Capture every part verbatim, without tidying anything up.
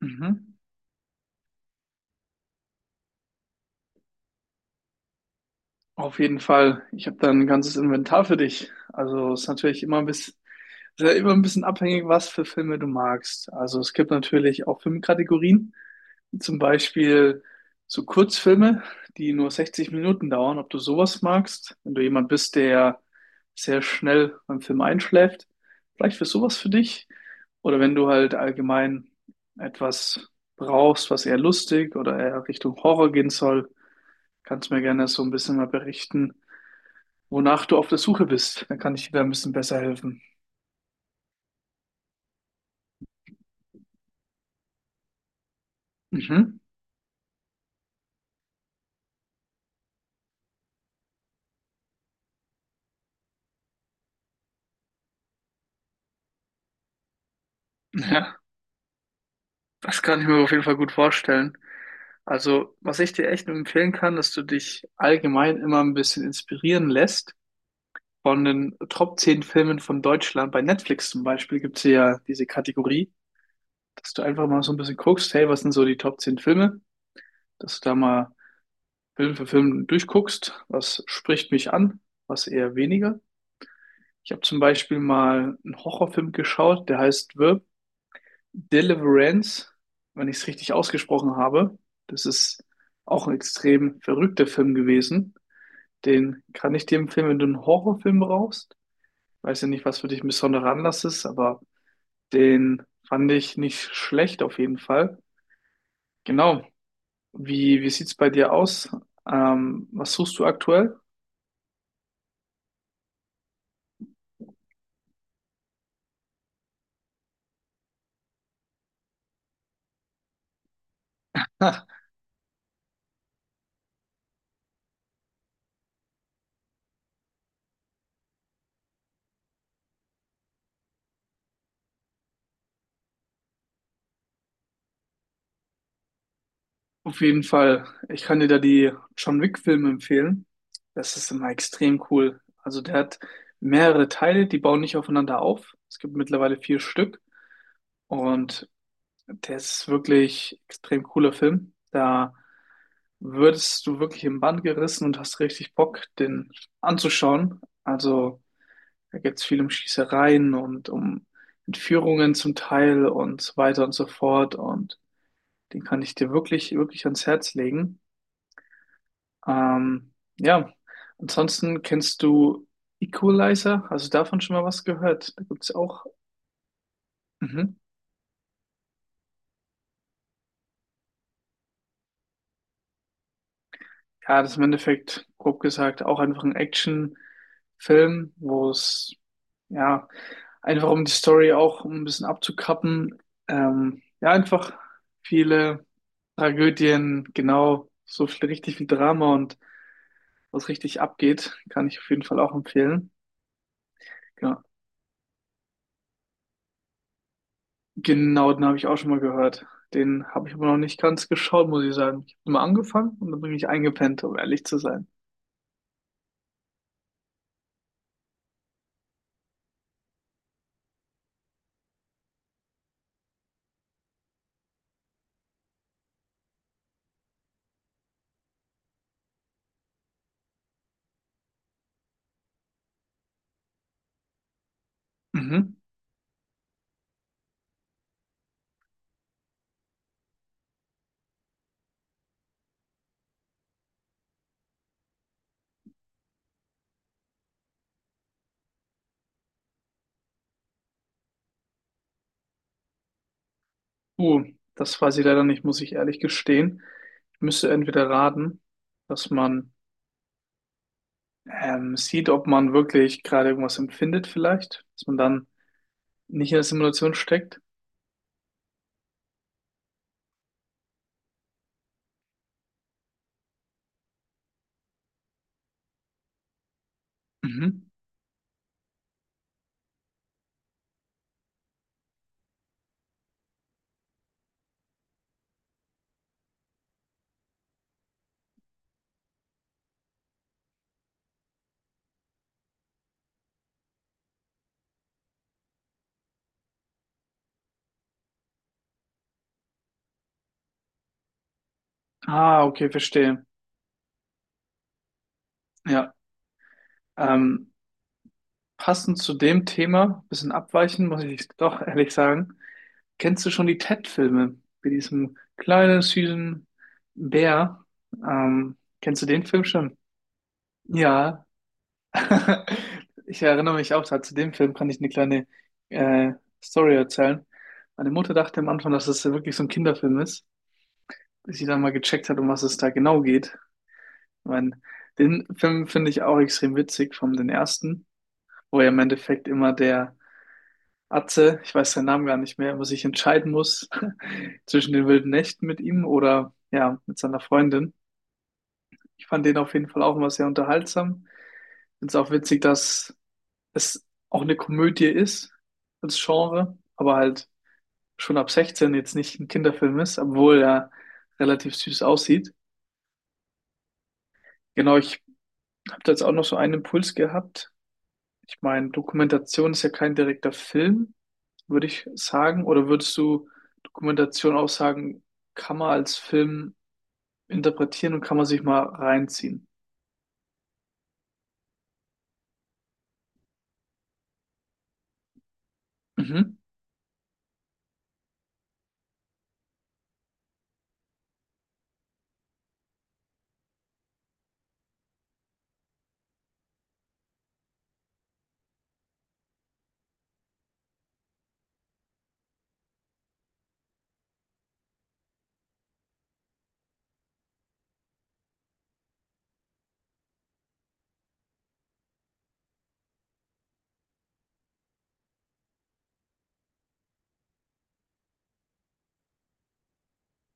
Mhm. Auf jeden Fall. Ich habe da ein ganzes Inventar für dich. Also es ist natürlich immer ein bisschen, ist ja immer ein bisschen abhängig, was für Filme du magst. Also es gibt natürlich auch Filmkategorien, wie zum Beispiel so Kurzfilme, die nur sechzig Minuten dauern, ob du sowas magst. Wenn du jemand bist, der sehr schnell beim Film einschläft, vielleicht wäre sowas für dich. Oder wenn du halt allgemein etwas brauchst, was eher lustig oder eher Richtung Horror gehen soll. Kannst mir gerne so ein bisschen mal berichten, wonach du auf der Suche bist. Dann kann ich dir da ein bisschen besser helfen. Mhm. Ja, das kann ich mir auf jeden Fall gut vorstellen. Also, was ich dir echt nur empfehlen kann, dass du dich allgemein immer ein bisschen inspirieren lässt von den Top zehn Filmen von Deutschland. Bei Netflix zum Beispiel gibt es ja diese Kategorie, dass du einfach mal so ein bisschen guckst, hey, was sind so die Top zehn Filme? Dass du da mal Film für Film durchguckst, was spricht mich an, was eher weniger. Ich habe zum Beispiel mal einen Horrorfilm geschaut, der heißt Verb Deliverance, wenn ich es richtig ausgesprochen habe. Das ist auch ein extrem verrückter Film gewesen. Den kann ich dir empfehlen, wenn du einen Horrorfilm brauchst. Weiß ja nicht, was für dich ein besonderer Anlass ist, aber den fand ich nicht schlecht auf jeden Fall. Genau. Wie, wie sieht's bei dir aus? Ähm, was suchst du aktuell? Auf jeden Fall. Ich kann dir da die John Wick-Filme empfehlen. Das ist immer extrem cool. Also der hat mehrere Teile, die bauen nicht aufeinander auf. Es gibt mittlerweile vier Stück. Und der ist wirklich extrem cooler Film. Da würdest du wirklich im Bann gerissen und hast richtig Bock, den anzuschauen. Also da geht es viel um Schießereien und um Entführungen zum Teil und so weiter und so fort. Und den kann ich dir wirklich, wirklich ans Herz legen. Ähm, ja, ansonsten kennst du Equalizer, also davon schon mal was gehört. Da gibt's auch, mhm. Ja, das ist im Endeffekt, grob gesagt, auch einfach ein Action-Film, wo es, ja, einfach um die Story auch ein bisschen abzukappen, ähm, ja, einfach viele Tragödien, genau, so viel, richtig viel Drama und was richtig abgeht, kann ich auf jeden Fall auch empfehlen. Genau, Genau, den habe ich auch schon mal gehört. Den habe ich aber noch nicht ganz geschaut, muss ich sagen. Ich habe mal angefangen und dann bin ich eingepennt, um ehrlich zu sein. Mhm. Uh, das weiß ich leider nicht, muss ich ehrlich gestehen. Ich müsste entweder raten, dass man ähm, sieht, ob man wirklich gerade irgendwas empfindet vielleicht, dass man dann nicht in der Simulation steckt. Mhm. Ah, okay, verstehe. Ja, ähm, passend zu dem Thema, bisschen abweichen, muss ich doch ehrlich sagen. Kennst du schon die Ted-Filme mit diesem kleinen, süßen Bär? Ähm, kennst du den Film schon? Ja. Ich erinnere mich auch, da zu dem Film kann ich eine kleine äh, Story erzählen. Meine Mutter dachte am Anfang, dass es wirklich so ein Kinderfilm ist, bis sie dann mal gecheckt hat, um was es da genau geht. Ich meine, den Film finde ich auch extrem witzig, vom den ersten, wo ja im Endeffekt immer der Atze, ich weiß seinen Namen gar nicht mehr, was ich entscheiden muss zwischen den wilden Nächten mit ihm oder ja, mit seiner Freundin. Ich fand den auf jeden Fall auch immer sehr unterhaltsam. Find's auch witzig, dass es auch eine Komödie ist als Genre, aber halt schon ab sechzehn jetzt nicht ein Kinderfilm ist, obwohl er relativ süß aussieht. Genau, ich habe da jetzt auch noch so einen Impuls gehabt. Ich meine, Dokumentation ist ja kein direkter Film, würde ich sagen. Oder würdest du Dokumentation auch sagen, kann man als Film interpretieren und kann man sich mal reinziehen? Mhm.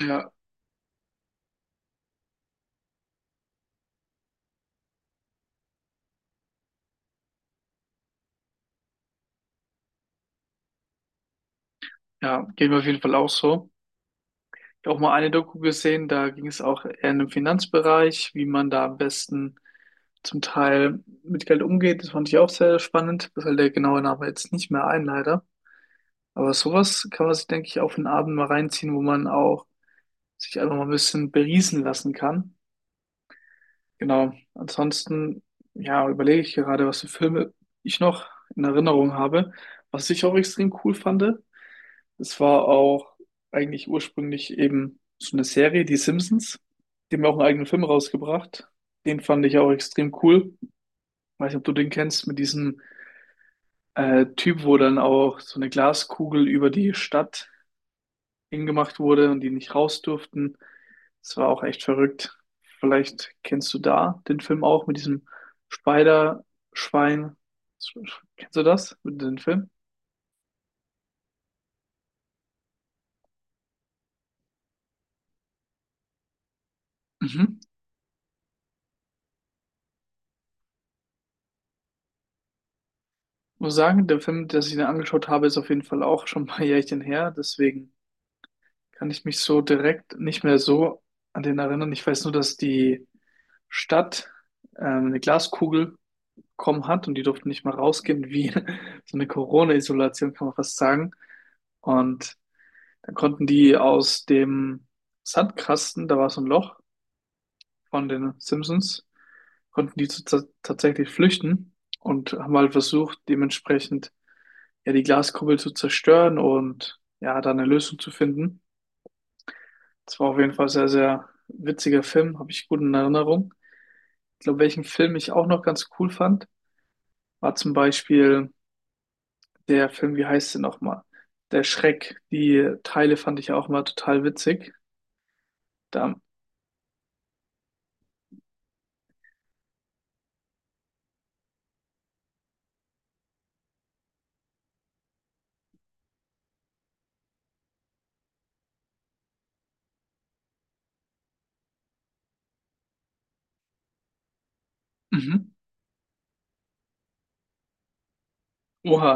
Ja, ja, geht mir auf jeden Fall auch so. Ich habe auch mal eine Doku gesehen, da ging es auch eher in den Finanzbereich, wie man da am besten zum Teil mit Geld umgeht. Das fand ich auch sehr spannend. Das fällt der genaue Name jetzt nicht mehr ein, leider. Aber sowas kann man sich, denke ich, auf den Abend mal reinziehen, wo man auch sich einfach mal ein bisschen beriesen lassen kann. Genau. Ansonsten, ja, überlege ich gerade, was für Filme ich noch in Erinnerung habe. Was ich auch extrem cool fand, es war auch eigentlich ursprünglich eben so eine Serie, die Simpsons. Die haben ja auch einen eigenen Film rausgebracht. Den fand ich auch extrem cool. Weiß nicht, ob du den kennst, mit diesem äh, Typ, wo dann auch so eine Glaskugel über die Stadt hingemacht wurde und die nicht raus durften. Das war auch echt verrückt. Vielleicht kennst du da den Film auch mit diesem Spider-Schwein. Kennst du das, mit dem Film? Mhm. Muss sagen, der Film, den ich mir angeschaut habe, ist auf jeden Fall auch schon ein paar Jährchen her. Deswegen kann ich mich so direkt nicht mehr so an den erinnern. Ich weiß nur, dass die Stadt ähm, eine Glaskugel bekommen hat und die durften nicht mal rausgehen, wie so eine Corona-Isolation, kann man fast sagen. Und dann konnten die aus dem Sandkasten, da war so ein Loch von den Simpsons, konnten die zu- ta- tatsächlich flüchten und haben halt versucht, dementsprechend ja die Glaskuppel zu zerstören und ja, da eine Lösung zu finden. Das war auf jeden Fall sehr, sehr witziger Film, habe ich gut in Erinnerung. Ich glaube, welchen Film ich auch noch ganz cool fand, war zum Beispiel der Film, wie heißt der nochmal? Der Schreck. Die Teile fand ich auch mal total witzig. Da, mhm. Oha,